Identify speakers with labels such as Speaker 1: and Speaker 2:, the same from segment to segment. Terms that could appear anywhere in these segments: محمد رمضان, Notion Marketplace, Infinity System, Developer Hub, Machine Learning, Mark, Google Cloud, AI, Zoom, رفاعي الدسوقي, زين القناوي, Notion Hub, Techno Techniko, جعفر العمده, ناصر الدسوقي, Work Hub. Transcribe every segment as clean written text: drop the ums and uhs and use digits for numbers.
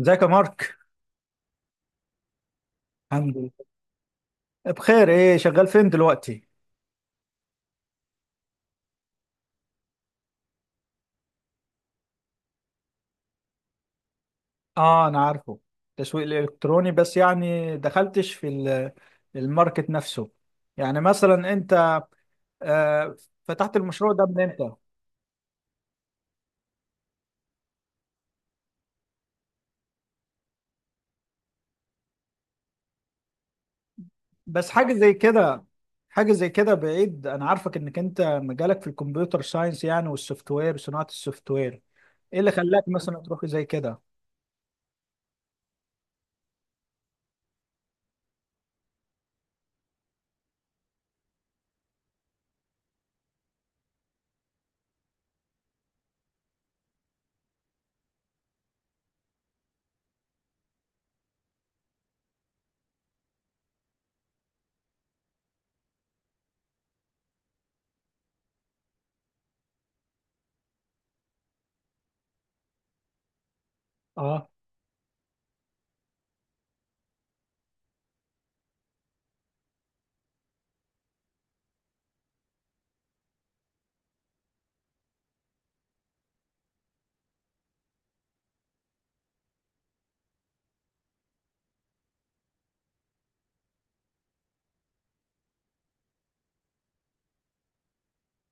Speaker 1: ازيك يا مارك. الحمد لله. بخير، ايه شغال فين دلوقتي؟ اه، انا عارفه. تسويق الالكتروني، بس يعني دخلتش في الماركت نفسه. يعني مثلا انت، آه فتحت المشروع ده من امتى؟ بس حاجه زي كده. حاجه زي كده، بعيد، انا عارفك انك انت مجالك في الكمبيوتر ساينس يعني، والسوفت وير، صناعه السوفت وير. ايه اللي خلاك مثلا تروح زي كده؟ اه،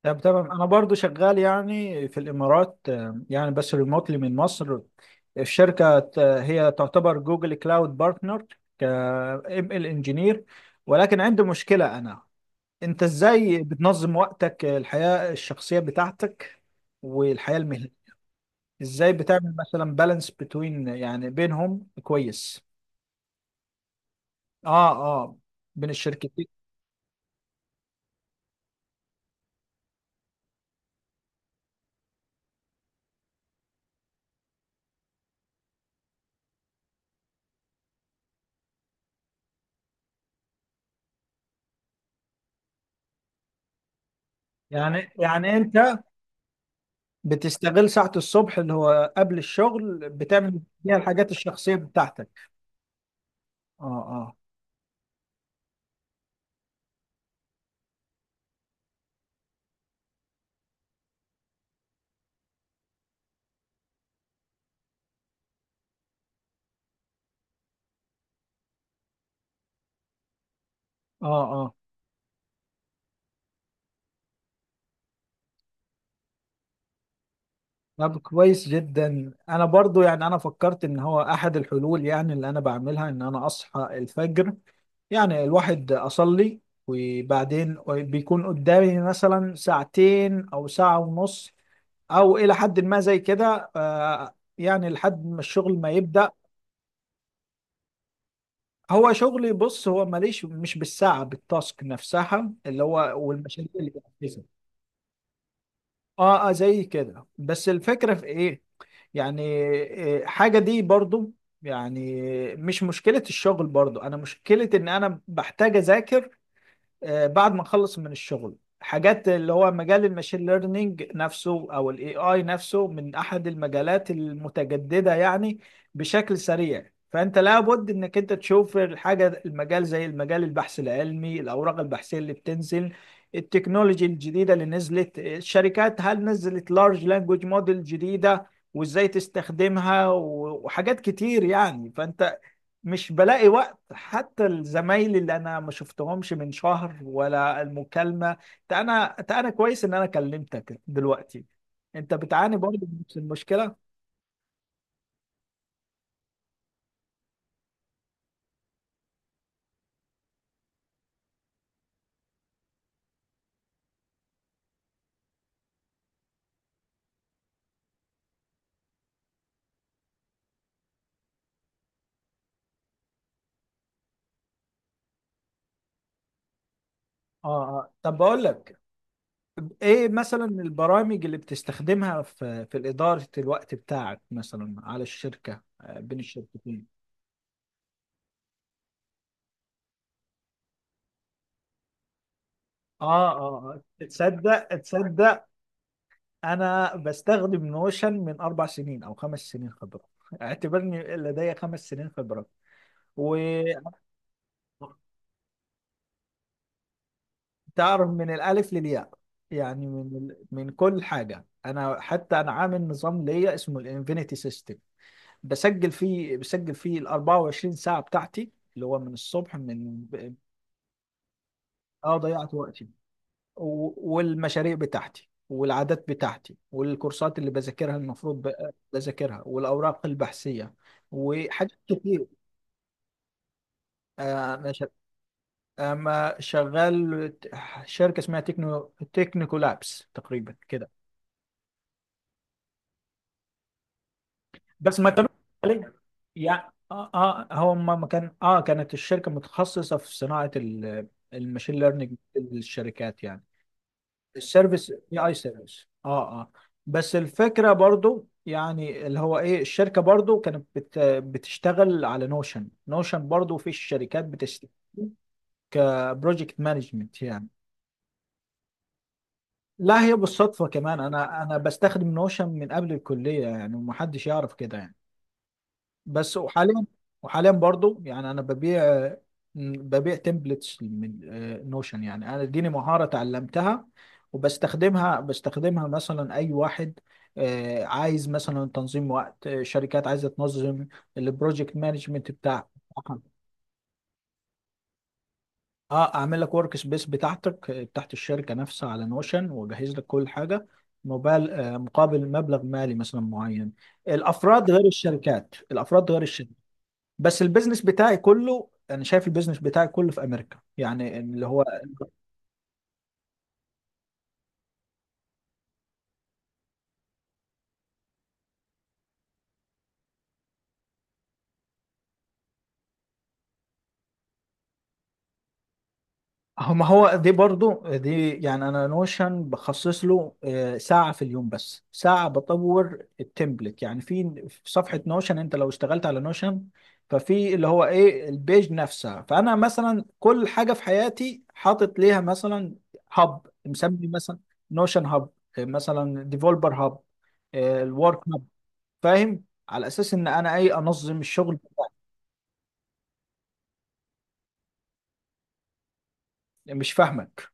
Speaker 1: طب تمام، انا برضو شغال يعني في الامارات، يعني بس ريموتلي من مصر. الشركه هي تعتبر جوجل كلاود بارتنر، ك ام ال انجينير. ولكن عندي مشكله انا. انت ازاي بتنظم وقتك، الحياه الشخصيه بتاعتك، والحياه المهنيه؟ ازاي بتعمل مثلا بالانس بتوين يعني بينهم كويس؟ اه، اه، بين الشركتين. يعني انت بتستغل ساعة الصبح اللي هو قبل الشغل، بتعمل فيها الحاجات الشخصية بتاعتك؟ اه، اه. اه، اه، طب كويس جدا، انا برضو يعني انا فكرت ان هو احد الحلول يعني اللي انا بعملها ان انا اصحى الفجر. يعني الواحد اصلي، وبعدين بيكون قدامي مثلا ساعتين او ساعة ونص، او الى حد ما زي كده، يعني لحد ما الشغل ما يبدأ. هو شغلي، بص، هو ماليش، مش بالساعة، بالتاسك نفسها اللي هو، والمشاريع اللي بنفذها. اه، اه، زي كده، بس الفكرة في ايه؟ يعني إيه حاجة دي برضو يعني. مش مشكلة الشغل برضو انا، مشكلة ان انا بحتاج اذاكر، بعد ما نخلص من الشغل حاجات اللي هو مجال الماشين ليرنينج نفسه او الاي اي نفسه، من احد المجالات المتجدده يعني بشكل سريع. فانت لابد انك انت تشوف الحاجه، المجال زي المجال، البحث العلمي، الاوراق البحثيه اللي بتنزل، التكنولوجي الجديده اللي نزلت الشركات، هل نزلت لارج لانجوج موديل جديده وازاي تستخدمها، وحاجات كتير يعني. فانت مش بلاقي وقت، حتى الزمايل اللي انا ما شفتهمش من شهر ولا المكالمه. انت انا كويس ان انا كلمتك دلوقتي. انت بتعاني برضه من نفس المشكله؟ اه، اه. طب بقول لك، ايه مثلا البرامج اللي بتستخدمها في اداره الوقت بتاعك مثلا على الشركه، بين الشركتين؟ اه، اه، اه، تصدق، تصدق، انا بستخدم نوشن من 4 سنين او 5 سنين خبره اعتبرني لدي 5 سنين خبره. و، تعرف من الألف للياء، يعني من كل حاجة. أنا حتى أنا عامل نظام ليا اسمه الانفينيتي سيستم. بسجل فيه ال 24 ساعة بتاعتي، اللي هو من الصبح، من... اه، ضيعت وقتي، والمشاريع بتاعتي والعادات بتاعتي والكورسات اللي بذاكرها، المفروض بذاكرها، والأوراق البحثية وحاجات كتير. آه، أنا شغ- أما شغال شركة اسمها تكنو، تكنيكو لابس تقريبا كده. بس ما تبقى عليه يعني. اه، اه، هو ما ما كان، كانت الشركه متخصصه في صناعه الماشين ليرنينج للشركات يعني، السيرفيس، اي اي سيرفيس. اه، اه. بس الفكره برضو يعني اللي هو ايه، الشركه برضو كانت بتشتغل على نوشن. نوشن برضو في الشركات بتشتغل كبروجكت مانجمنت يعني. لا، هي بالصدفه كمان، انا بستخدم نوشن من قبل الكليه يعني ومحدش يعرف كده يعني. بس وحاليا برضو يعني انا ببيع تمبلتس من نوشن يعني، انا اديني مهارة اتعلمتها، وبستخدمها مثلا. اي واحد عايز مثلا تنظيم وقت، شركات عايزة تنظم البروجكت مانجمنت بتاعها. اه، اعمل لك ورك سبيس بتاعتك، بتاعت الشركة نفسها على نوشن، واجهز لك كل حاجة مقابل مبلغ مالي مثلا معين. الافراد غير الشركات، الافراد غير الشركات. بس البيزنس بتاعي كله، انا شايف البيزنس بتاعي كله في امريكا يعني اللي هو. هو، ما هو دي برضو دي، يعني انا نوشن بخصص له، ساعة في اليوم، بس ساعة بطور التمبلت يعني في صفحة نوشن. انت لو اشتغلت على نوشن ففي اللي هو ايه البيج نفسها، فانا مثلا كل حاجة في حياتي حاطط ليها مثلا هاب مسمي مثلا، نوشن هاب، مثلا ديفولبر هاب، الورك هاب، فاهم؟ على اساس ان انا ايه انظم الشغل. مش فاهمك.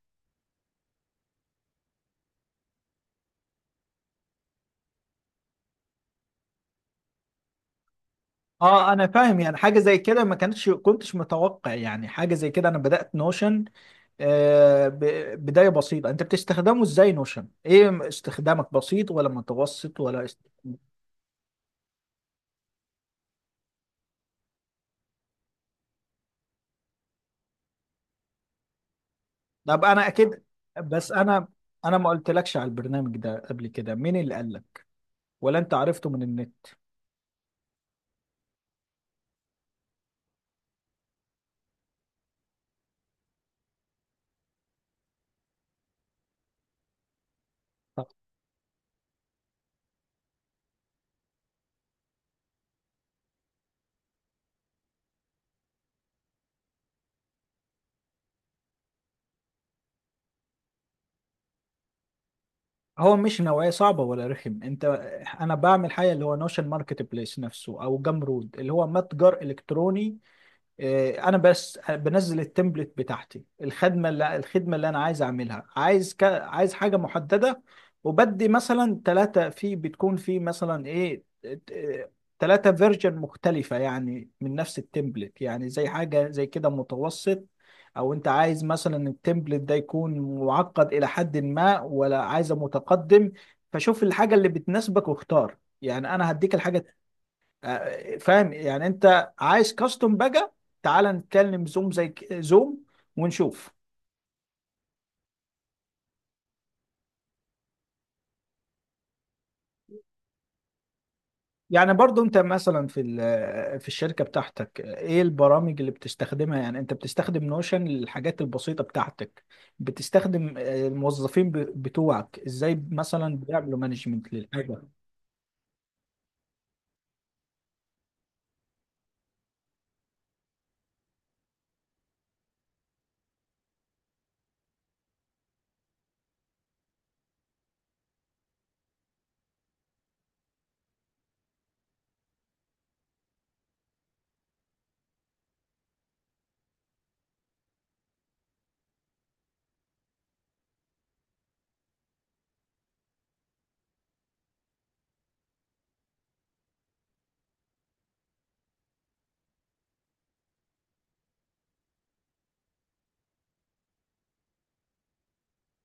Speaker 1: اه، انا فاهم يعني، حاجه زي كده ما كانتش كنتش متوقع يعني، حاجه زي كده. انا بدات نوشن بدايه بسيطه. انت بتستخدمه ازاي نوشن؟ ايه استخدامك، بسيط ولا متوسط ولا طب انا اكيد. بس انا ما قلتلكش على البرنامج ده قبل كده، مين اللي قال لك، ولا انت عرفته من النت؟ طب. هو مش نوعيه صعبه ولا رخم انت، انا بعمل حاجه اللي هو نوشن ماركت بليس نفسه او جمرود اللي هو متجر الكتروني. إيه، انا بس بنزل التمبلت بتاعتي، الخدمه اللي انا عايز اعملها، عايز عايز حاجه محدده. وبدي مثلا ثلاثه في بتكون في مثلا ايه، ثلاثه فيرجن مختلفه يعني من نفس التمبلت يعني. زي حاجه زي كده متوسط، او انت عايز مثلا التمبلت ده يكون معقد الى حد ما، ولا عايزه متقدم. فشوف الحاجه اللي بتناسبك واختار، يعني انا هديك الحاجه. فاهم يعني، انت عايز كاستم بقى. تعال نتكلم زوم زي زوم، ونشوف. يعني برضو انت مثلا في في الشركة بتاعتك، ايه البرامج اللي بتستخدمها يعني؟ انت بتستخدم نوشن للحاجات البسيطة بتاعتك؟ بتستخدم، الموظفين بتوعك ازاي مثلا بيعملوا مانجمنت للحاجة؟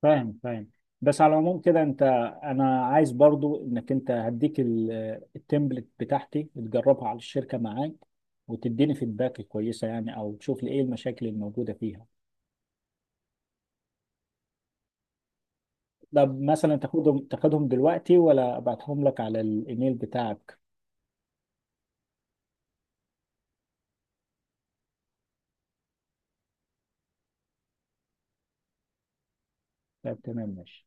Speaker 1: فاهم، فاهم. بس على العموم كده، انت، انا عايز برضو انك انت هديك التمبلت بتاعتي، تجربها على الشركه معاك، وتديني فيدباك كويسه يعني، او تشوف لي ايه المشاكل الموجوده فيها. طب مثلا تاخدهم، تاخدهم دلوقتي، ولا ابعتهم لك على الايميل بتاعك؟ طب تمام، ماشي.